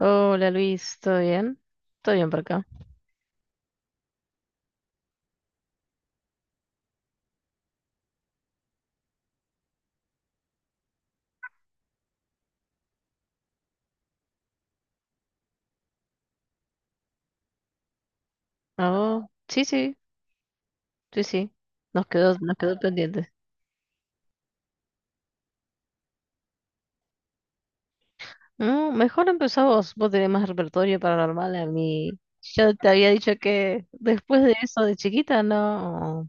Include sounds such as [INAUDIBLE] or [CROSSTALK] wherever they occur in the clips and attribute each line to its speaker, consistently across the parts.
Speaker 1: Hola Luis, ¿todo bien? ¿Todo bien por acá? ¿A vos? Sí, sí, sí, sí. Nos quedó pendiente. Mejor empezá vos, vos tenés más repertorio paranormal a mí. Yo te había dicho que después de eso de chiquita no,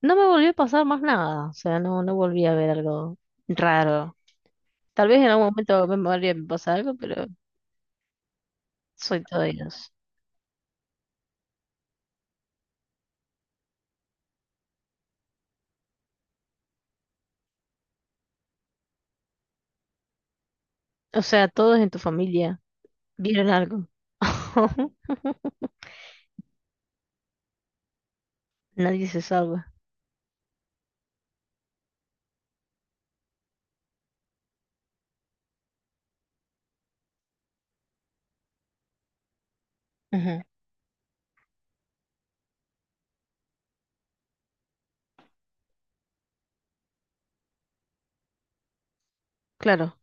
Speaker 1: no me volvió a pasar más nada. O sea, no volví a ver algo raro. Tal vez en algún momento me volvía a pasar algo, pero soy todo ellos. O sea, todos en tu familia vieron algo. [LAUGHS] Nadie se salva. Ujú. Claro.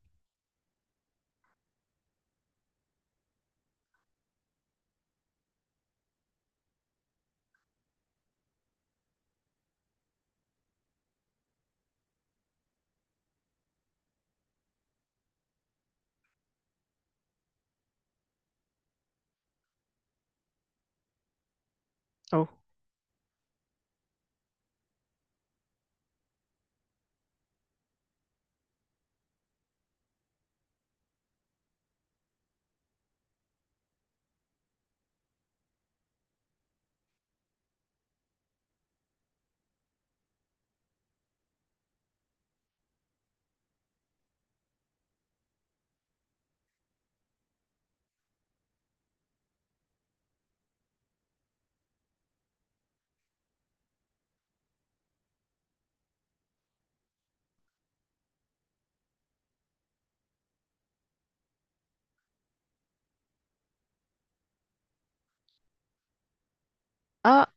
Speaker 1: Ah,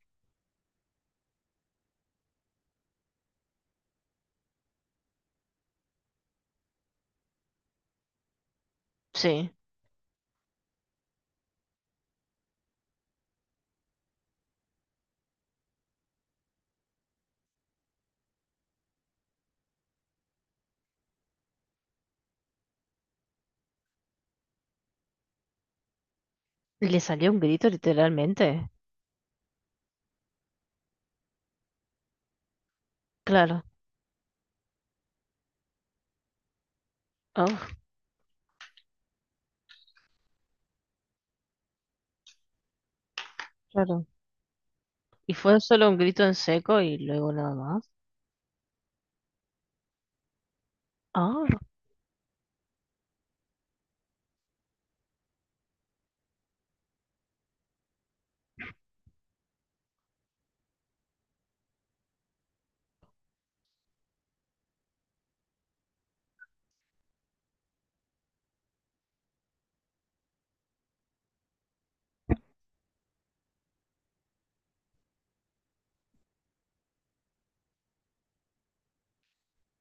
Speaker 1: sí. Le salió un grito literalmente. Claro. Ah, claro. Y fue solo un grito en seco y luego nada más. Ah,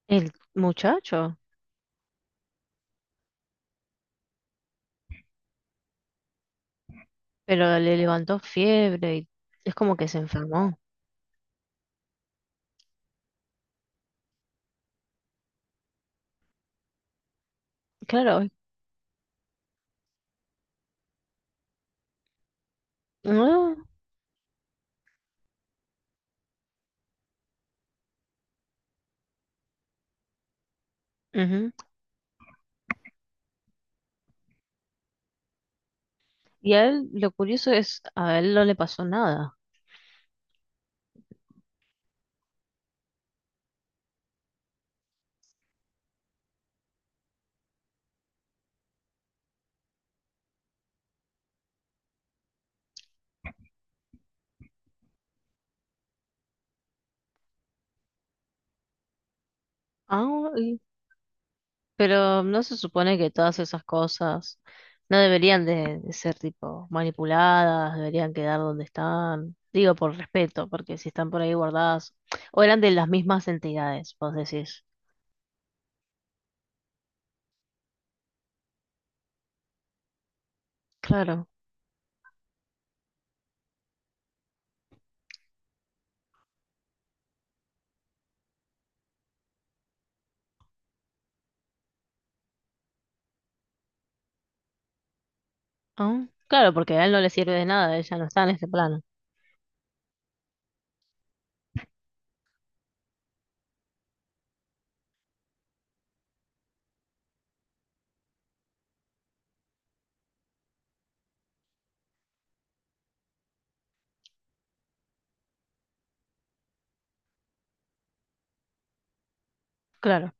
Speaker 1: el muchacho. Pero le levantó fiebre y es como que se enfermó. Claro. Ah, ujú. Y a él, lo curioso es, a él no le pasó nada. Ah, pero no se supone que todas esas cosas no deberían de ser tipo manipuladas, deberían quedar donde están. Digo por respeto, porque si están por ahí guardadas, o eran de las mismas entidades, vos decís. Claro. Ah, claro, porque a él no le sirve de nada, ella no está en este plano. Claro,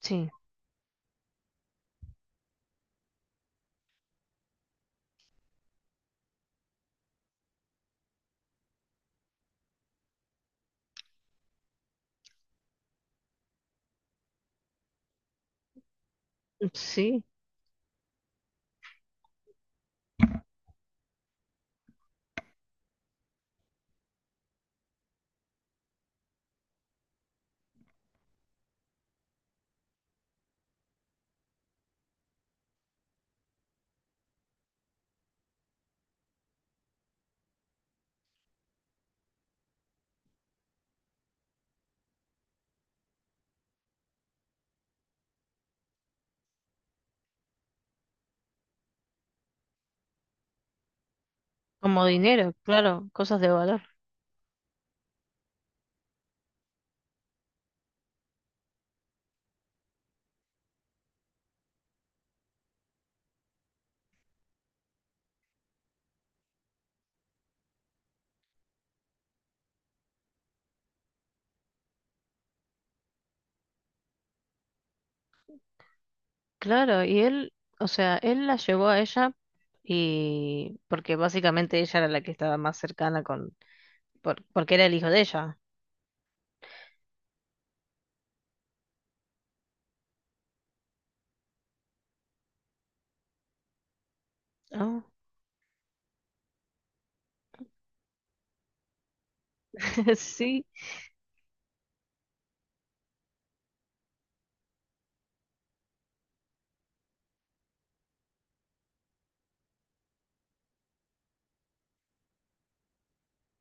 Speaker 1: sí, sí, como dinero, claro, cosas de valor. Claro, y él, o sea, él la llevó a ella y porque básicamente ella era la que estaba más cercana con, porque era el hijo de ella. Ah, [LAUGHS] sí,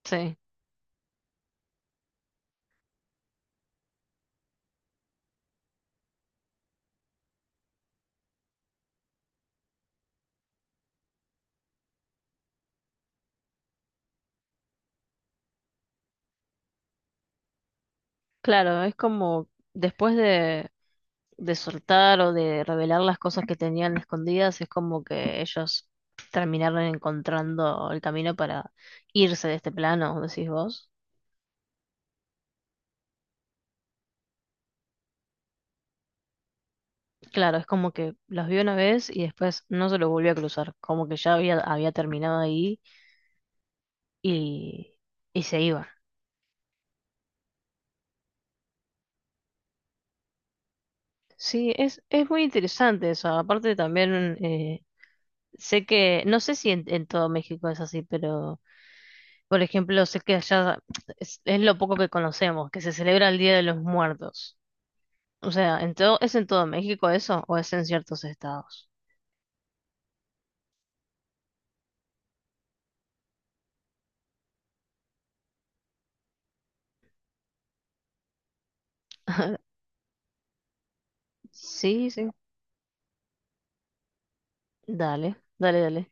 Speaker 1: sí. Claro, es como después de soltar o de revelar las cosas que tenían escondidas, es como que ellos terminaron encontrando el camino para irse de este plano, decís vos. Claro, es como que los vio una vez y después no se los volvió a cruzar, como que ya había, había terminado ahí y, y se iba. Sí, es muy interesante eso. Aparte también eh, sé que, no sé si en todo México es así, pero... Por ejemplo, sé que allá es lo poco que conocemos, que se celebra el Día de los Muertos. O sea, en todo, ¿es en todo México eso o es en ciertos estados? [LAUGHS] Sí, sí. Dale, dale, dale.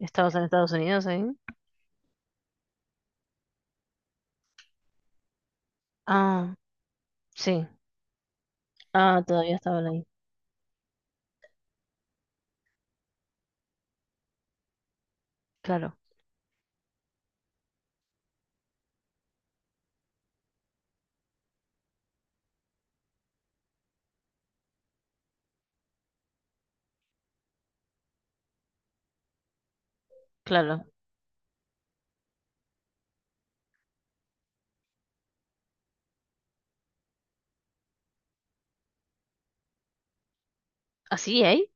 Speaker 1: ¿Estabas en Estados Unidos ahí? Ah, sí. Ah, todavía estaban ahí. Claro, claro. ¿Así, ahí?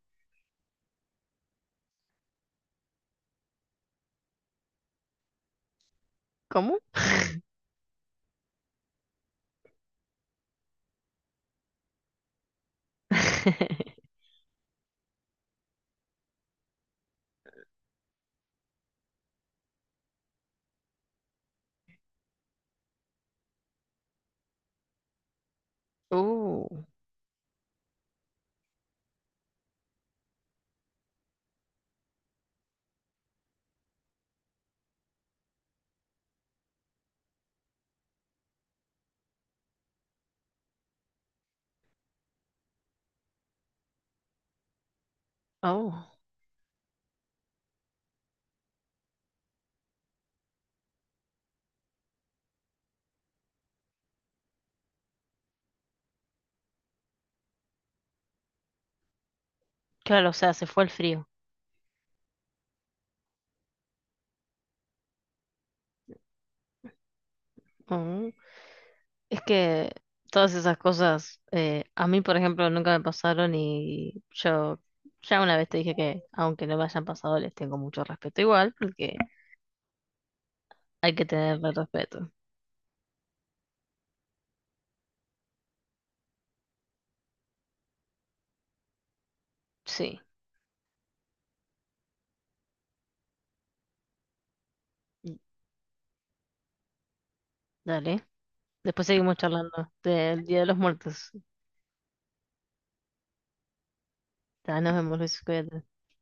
Speaker 1: ¿Cómo? [LAUGHS] Uh, oh. Claro, o sea, se fue el frío. Es que todas esas cosas, a mí, por ejemplo, nunca me pasaron y yo ya una vez te dije que, aunque no me hayan pasado, les tengo mucho respeto igual, porque hay que tenerle respeto. Sí, dale. Después seguimos charlando del Día de los Muertos. Ya, nos vemos, Luis, cuídate.